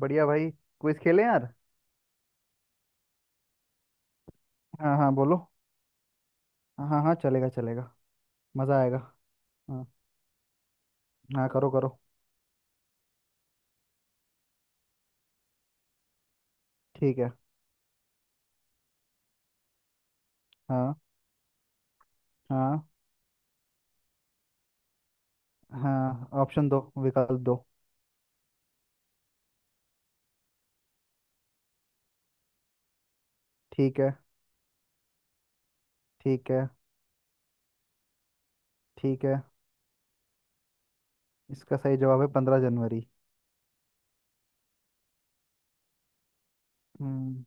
बढ़िया भाई। क्विज खेलें यार। हाँ, हाँ, बोलो। हाँ, हाँ, चलेगा चलेगा। मज़ा आएगा। हाँ। हाँ, करो करो। ठीक है। हाँ। हाँ। हाँ, ऑप्शन दो, विकल्प दो। ठीक है। ठीक है। ठीक है। इसका सही जवाब है 15 जनवरी। हम्म।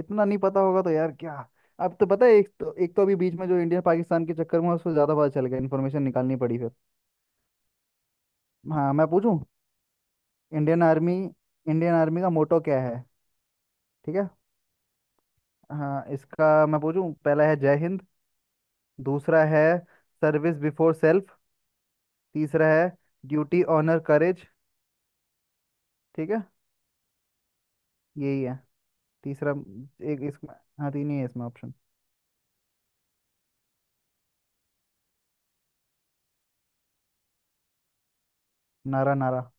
इतना नहीं पता होगा तो यार क्या। अब तो पता है, एक तो अभी बीच में जो इंडिया पाकिस्तान के चक्कर में उसको ज़्यादा पता चल गया, इन्फॉर्मेशन निकालनी पड़ी फिर। हाँ, मैं पूछूं। इंडियन आर्मी का मोटो क्या है? ठीक है। हाँ, इसका मैं पूछूं। पहला है जय हिंद। दूसरा है सर्विस बिफोर सेल्फ। तीसरा है ड्यूटी ऑनर करेज। ठीक है। यही है तीसरा। एक इसमें। हाँ, तीन ही है इसमें ऑप्शन। नारा, नारा।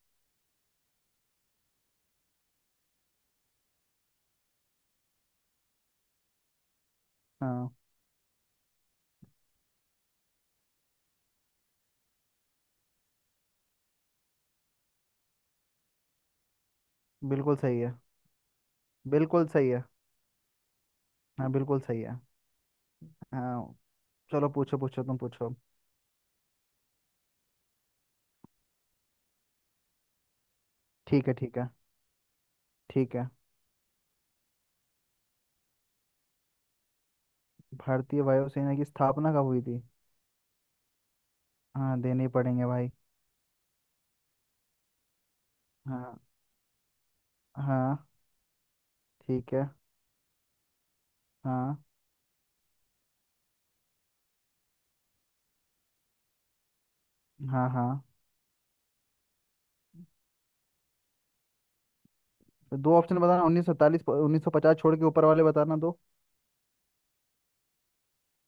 हाँ, बिल्कुल सही है, बिल्कुल सही है। हाँ, बिल्कुल सही है। हाँ। चलो, पूछो पूछो, तुम पूछो। ठीक है। ठीक है। ठीक है। भारतीय वायुसेना की स्थापना कब हुई थी? हाँ, देने ही पड़ेंगे भाई। हाँ। हाँ। ठीक है। हाँ। हाँ। हाँ, दो ऑप्शन बताना, उन्नीस सौ पचास छोड़ के ऊपर वाले बताना दो।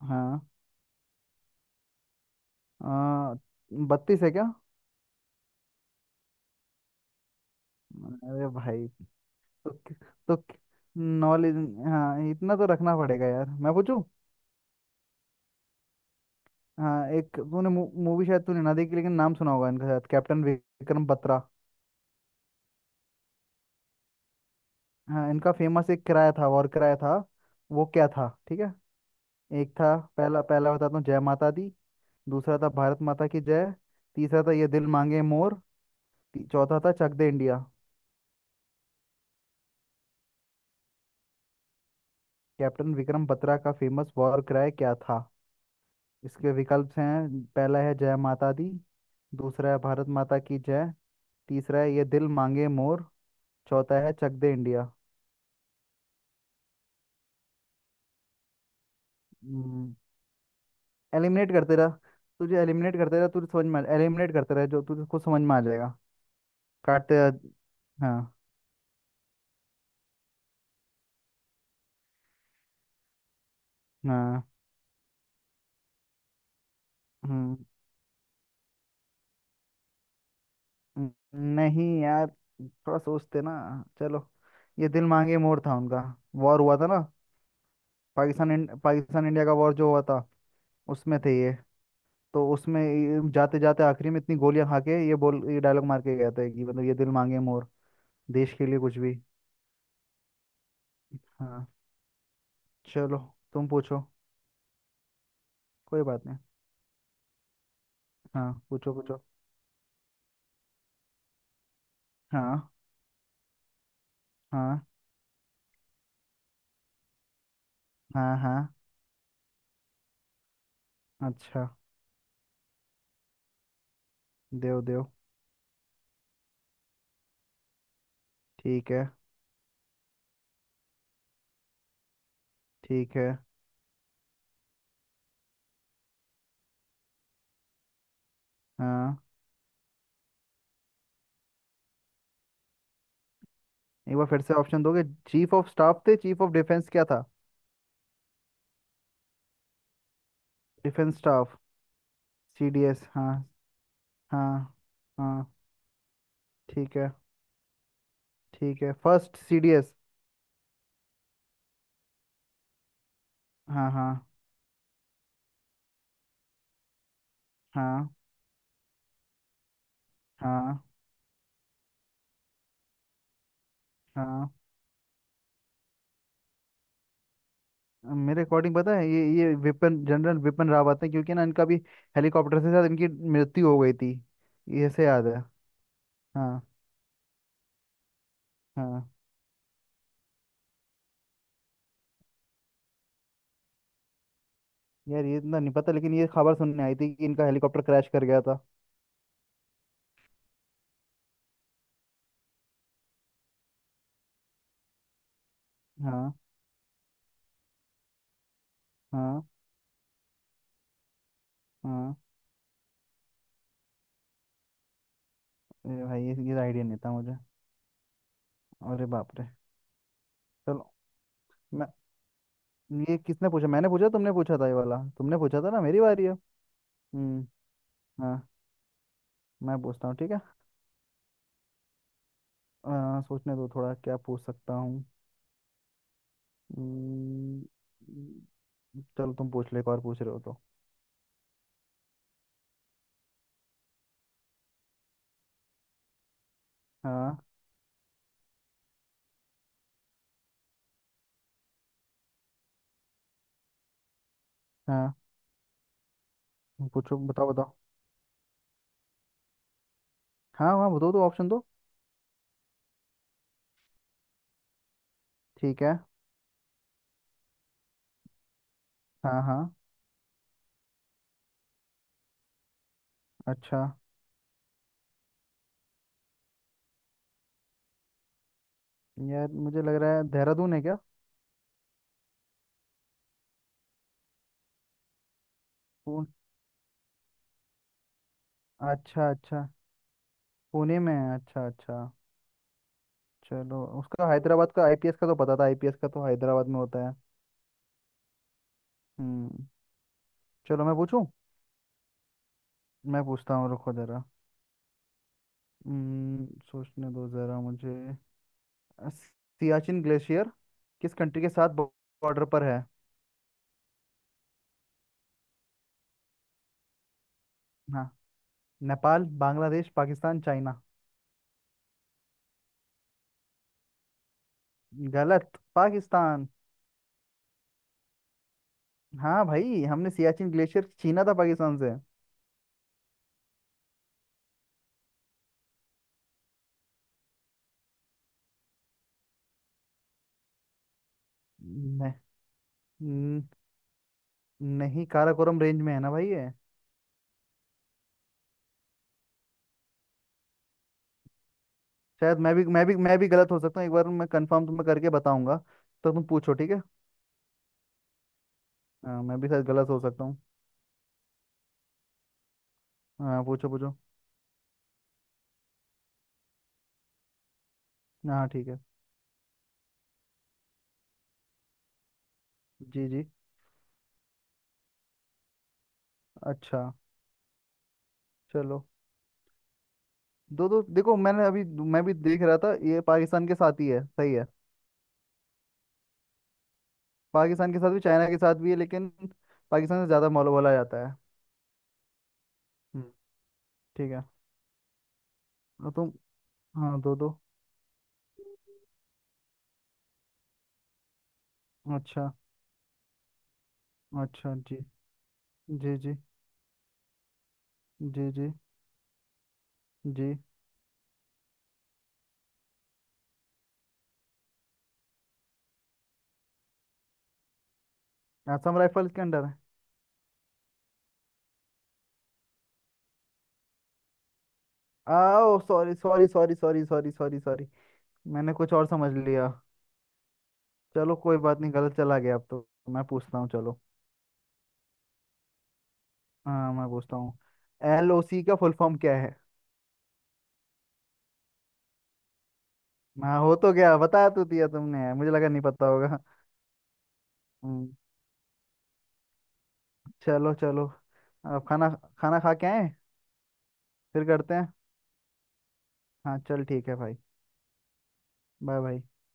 हाँ। आ, 32 है क्या? अरे भाई। तो तो नॉलेज। हाँ, इतना तो रखना पड़ेगा यार। मैं पूछूं। हाँ, एक तूने मूवी शायद तूने ना देखी, लेकिन नाम सुना होगा इनका, शायद कैप्टन विक्रम बत्रा। हाँ, इनका फेमस एक किराया था, और किराया था वो क्या था? ठीक है। एक था पहला, पहला बताता हूँ जय माता दी। दूसरा था भारत माता की जय। तीसरा था ये दिल मांगे मोर। चौथा था चक दे इंडिया। कैप्टन विक्रम बत्रा का फेमस वॉर क्राई क्या था? इसके विकल्प हैं। पहला है जय माता दी। दूसरा है भारत माता की जय। तीसरा है ये दिल मांगे मोर। चौथा है चक दे इंडिया। हम्म। एलिमिनेट करते रहा तुझे, एलिमिनेट करते रहा तुझे, समझ में एलिमिनेट करते रहे, जो तुझे खुद समझ में आ जाएगा। काटते रहा- हाँ। हाँ। हम्म। हम्म। नहीं यार, थोड़ा सोचते ना। चलो, ये दिल मांगे मोर था उनका। वॉर हुआ था ना। पाकिस्तान इंडिया का वॉर जो हुआ था, उसमें थे ये। तो उसमें ये जाते जाते आखिरी में इतनी गोलियां खा के ये डायलॉग मार के गया था कि, मतलब, ये दिल मांगे मोर। देश के लिए कुछ भी। हाँ। चलो, तुम पूछो। कोई बात नहीं। हाँ, पूछो पूछो। हाँ। हाँ। हाँ। हाँ। अच्छा। देव, देव। ठीक है। ठीक है। हाँ, एक बार फिर से ऑप्शन दोगे? चीफ ऑफ स्टाफ थे, चीफ ऑफ डिफेंस क्या था? Defence staff. सीडीएस, हाँ। हाँ। हाँ। ठीक है। ठीक है, फर्स्ट सीडीएस। हाँ। हाँ। हाँ। हाँ। हाँ, मेरे अकॉर्डिंग पता है, ये विपिन जनरल विपिन रावत है, क्योंकि ना इनका भी हेलीकॉप्टर से शायद इनकी मृत्यु हो गई थी। ये से याद है। हाँ। हाँ। यार, ये इतना नहीं पता, लेकिन ये खबर सुनने आई थी कि इनका हेलीकॉप्टर क्रैश कर गया था। हाँ। हाँ। हाँ। अरे भाई, ये आइडिया नहीं था मुझे। अरे बाप रे। चलो। मैं ये किसने पूछा? मैंने पूछा? तुमने पूछा था, ये वाला तुमने पूछा था ना। मेरी बारी है। हम्म। हाँ, मैं पूछता हूँ। ठीक है। सोचने दो थोड़ा, क्या पूछ सकता हूँ। हम्म। चलो, तुम पूछ लो, एक और पूछ रहे हो तो। हाँ। हाँ, पूछो, बताओ बताओ। हाँ, हाँ, बताओ तो, ऑप्शन दो। ठीक है। हाँ। हाँ। अच्छा। यार, मुझे लग रहा है देहरादून है क्या? पुण अच्छा अच्छा। पुणे में है? अच्छा अच्छा। चलो, उसका हैदराबाद का आईपीएस का तो पता था। आईपीएस का तो हैदराबाद में होता है। हम्म। चलो, मैं पूछूं। मैं पूछता हूँ, रुको जरा। हम्म। सोचने दो जरा मुझे। सियाचिन ग्लेशियर किस कंट्री के साथ बॉर्डर पर है? हाँ। नेपाल, बांग्लादेश, पाकिस्तान, चाइना। गलत, पाकिस्तान। हाँ भाई, हमने सियाचिन ग्लेशियर छीना था पाकिस्तान से। न, न, नहीं, काराकोरम रेंज में है ना भाई ये। शायद मैं भी गलत हो सकता हूँ, एक बार मैं कंफर्म तुम्हें करके बताऊंगा। तो तुम पूछो। ठीक है। हाँ, मैं भी शायद गलत हो सकता हूँ। हाँ, पूछो पूछो। हाँ। ठीक है। जी, जी। अच्छा। चलो, दो दो देखो, मैंने अभी मैं भी देख रहा था, ये पाकिस्तान के साथ ही है। सही है। पाकिस्तान के साथ भी, चाइना के साथ भी है, लेकिन पाकिस्तान से ज़्यादा मौल बोला जाता है। हम्म। ठीक है। और तुम। हाँ, दो दो। अच्छा अच्छा। जी, जी, जी, जी, जी, जी। असम राइफल्स के अंडर है। आओ, sorry sorry sorry sorry sorry sorry sorry. मैंने कुछ और समझ लिया। चलो, कोई बात नहीं, गलत चला गया। अब तो मैं पूछता हूँ। चलो। हाँ, मैं पूछता हूँ। एलओसी का फुल फॉर्म क्या है? हाँ, हो तो गया, बता तो दिया तुमने। मुझे लगा नहीं पता होगा। हम्म। चलो चलो। अब खाना, खाना खा के आए, फिर करते हैं। हाँ चल, ठीक है भाई। Bye bye.